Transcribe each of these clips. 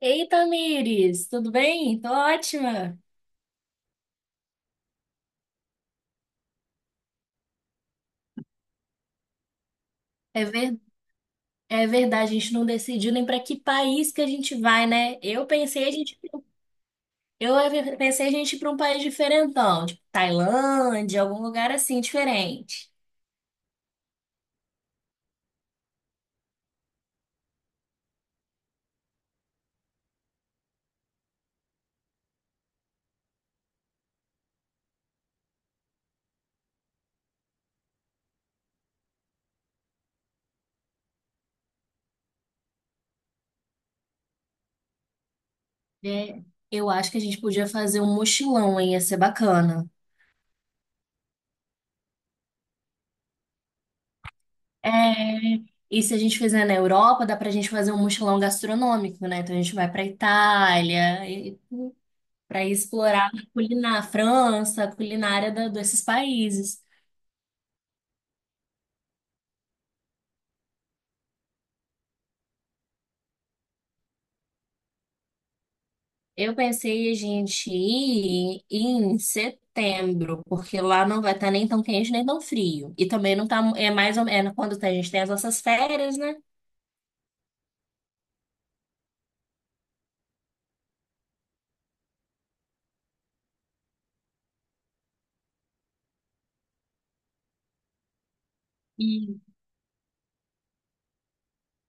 Eita, Tamires, tudo bem? Tô ótima. É ver... É verdade, a gente não decidiu nem para que país que a gente vai, né? Eu pensei a gente ir para um país diferentão, tipo Tailândia, algum lugar assim diferente. É, eu acho que a gente podia fazer um mochilão, hein? Ia ser bacana. É, e se a gente fizer na Europa, dá pra gente fazer um mochilão gastronômico, né? Então a gente vai pra Itália, e para explorar a culinária, França, a culinária desses países. Eu pensei a gente ir em setembro, porque lá não vai estar nem tão quente nem tão frio. E também não tá, é mais ou menos quando a gente tem as nossas férias, né? E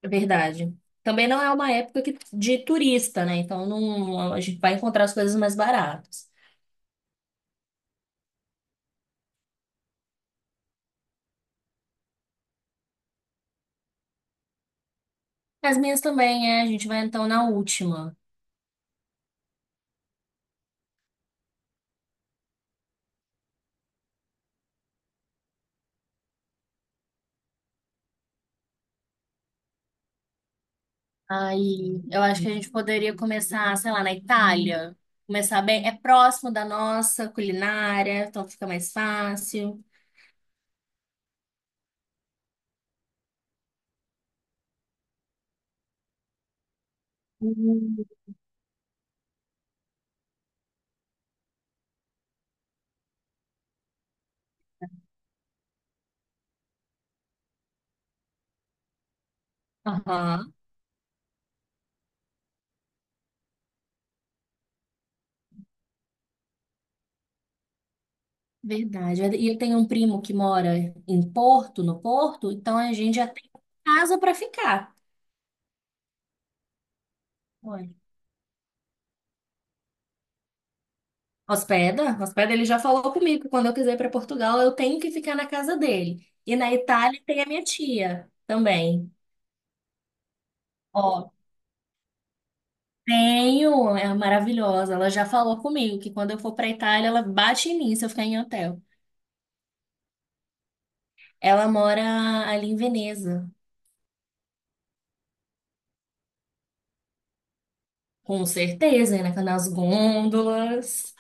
É verdade. Também não é uma época de turista, né? Então não, a gente vai encontrar as coisas mais baratas. As minhas também, é. A gente vai então na última. Aí eu acho que a gente poderia começar, sei lá, na Itália. Começar bem. É próximo da nossa culinária, então fica mais fácil. Aham. Verdade. E eu tenho um primo que mora em Porto, no Porto, então a gente já tem casa para ficar. Olha. Hospeda, hospeda, ele já falou comigo que quando eu quiser ir para Portugal, eu tenho que ficar na casa dele. E na Itália tem a minha tia também. Ó, tenho, é maravilhosa. Ela já falou comigo que quando eu for para Itália, ela bate em mim se eu ficar em hotel. Ela mora ali em Veneza, com certeza, né? Nas gôndolas.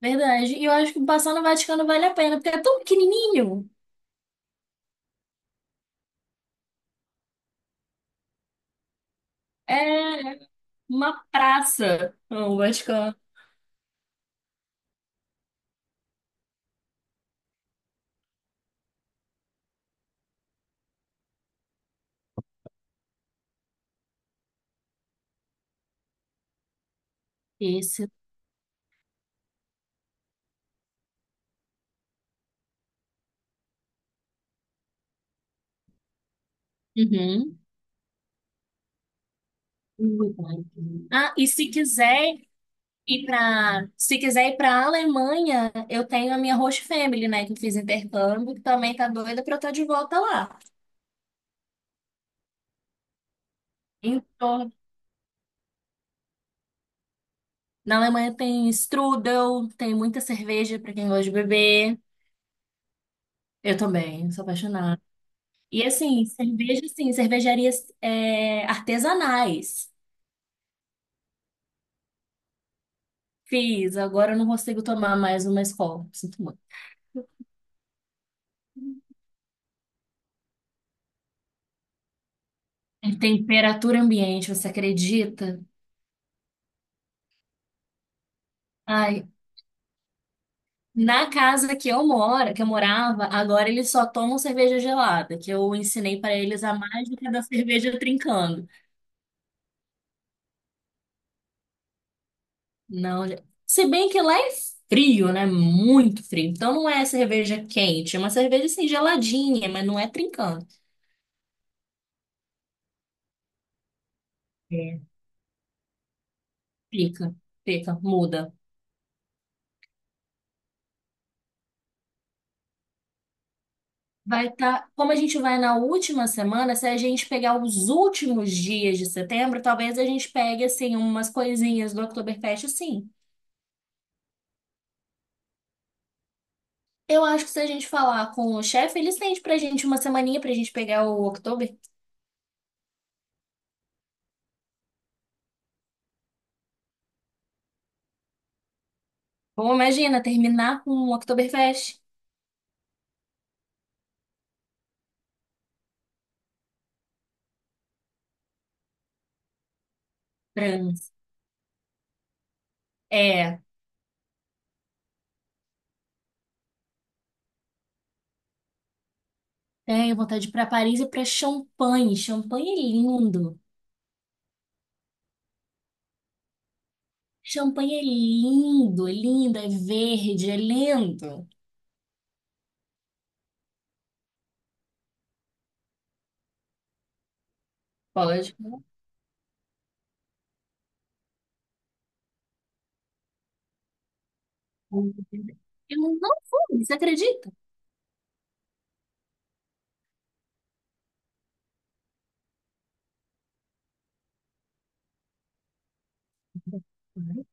Verdade. E eu acho que passar no Vaticano vale a pena, porque é tão pequenininho. É uma praça, o Vaticano. Esse. Uhum. Ah, se quiser ir para Alemanha, eu tenho a minha host family, né, que eu fiz intercâmbio, que também tá doida para eu estar de volta lá. Então, na Alemanha tem strudel, tem muita cerveja para quem gosta de beber. Eu também, sou apaixonada. E assim, cerveja, sim, cervejarias artesanais. Fiz, agora eu não consigo tomar mais uma escola. Sinto muito. É. Temperatura ambiente, você acredita? Ai, na casa que eu moro, que eu morava, agora eles só tomam cerveja gelada, que eu ensinei para eles a mágica da cerveja trincando. Não, se bem que lá é frio, né? Muito frio. Então não é cerveja quente, é uma cerveja assim geladinha, mas não é trincando. É. Fica, fica, muda. Vai estar, como a gente vai na última semana, se a gente pegar os últimos dias de setembro, talvez a gente pegue assim umas coisinhas do Oktoberfest, sim. Eu acho que se a gente falar com o chefe, ele estende pra gente uma semaninha pra gente pegar o Oktober. Ou imagina, terminar com o Oktoberfest. Franz. É, tenho vontade de ir pra Paris e pra Champanhe. Champanhe é lindo. Champanhe é lindo, é lindo, é verde, é lindo. Pode. Eu não fui, você acredita? Uhum.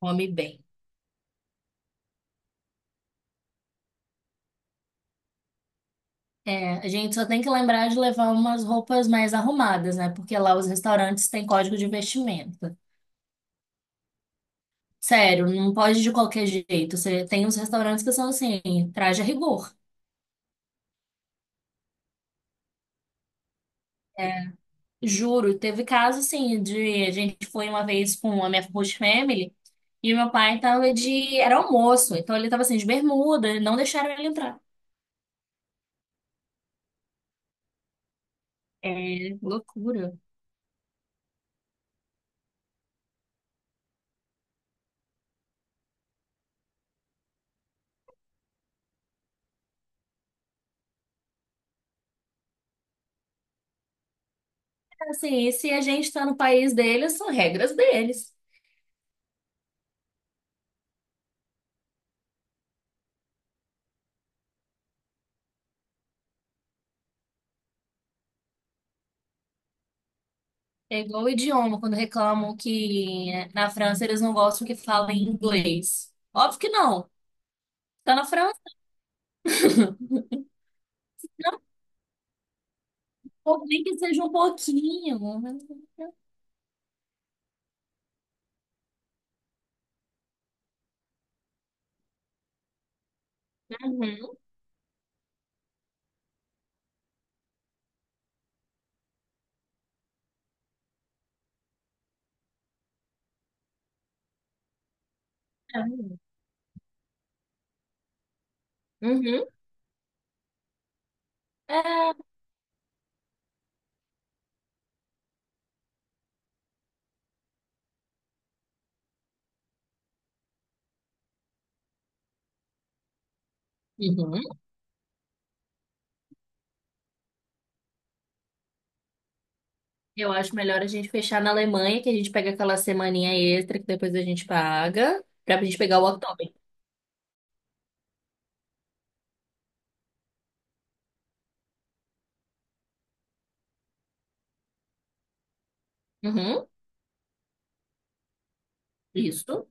Come bem. É, a gente só tem que lembrar de levar umas roupas mais arrumadas, né? Porque lá os restaurantes têm código de vestimenta. Sério, não pode de qualquer jeito. Você tem uns restaurantes que são assim, traje a rigor. É, juro, teve caso assim de a gente foi uma vez com a minha host family e meu pai tava de era almoço, então ele tava assim de bermuda, não deixaram ele entrar. É loucura. Assim, e se a gente tá no país deles, são regras deles. É igual o idioma, quando reclamam que na França eles não gostam que falem inglês. Óbvio que não. Tá na França, ou nem que seja um pouquinho. Uhum. Uhum. É, uhum, eu acho melhor a gente fechar na Alemanha, que a gente pega aquela semaninha extra que depois a gente paga, pra gente pegar o outdoor. Uhum, isso.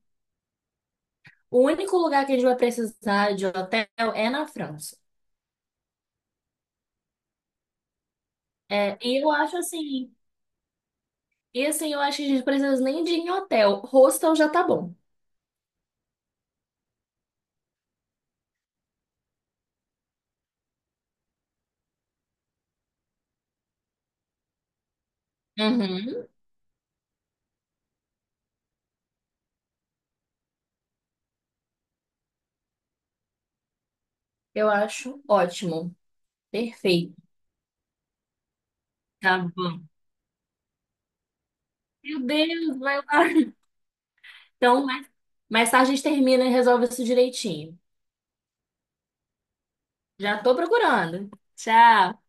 O único lugar que a gente vai precisar de hotel é na França. É, e assim, eu acho que a gente precisa nem de ir em hotel. Hostel já tá bom. Uhum, eu acho ótimo. Perfeito. Tá bom. Meu Deus, vai lá. Então, mais tarde a gente termina e resolve isso direitinho. Já tô procurando. Tchau.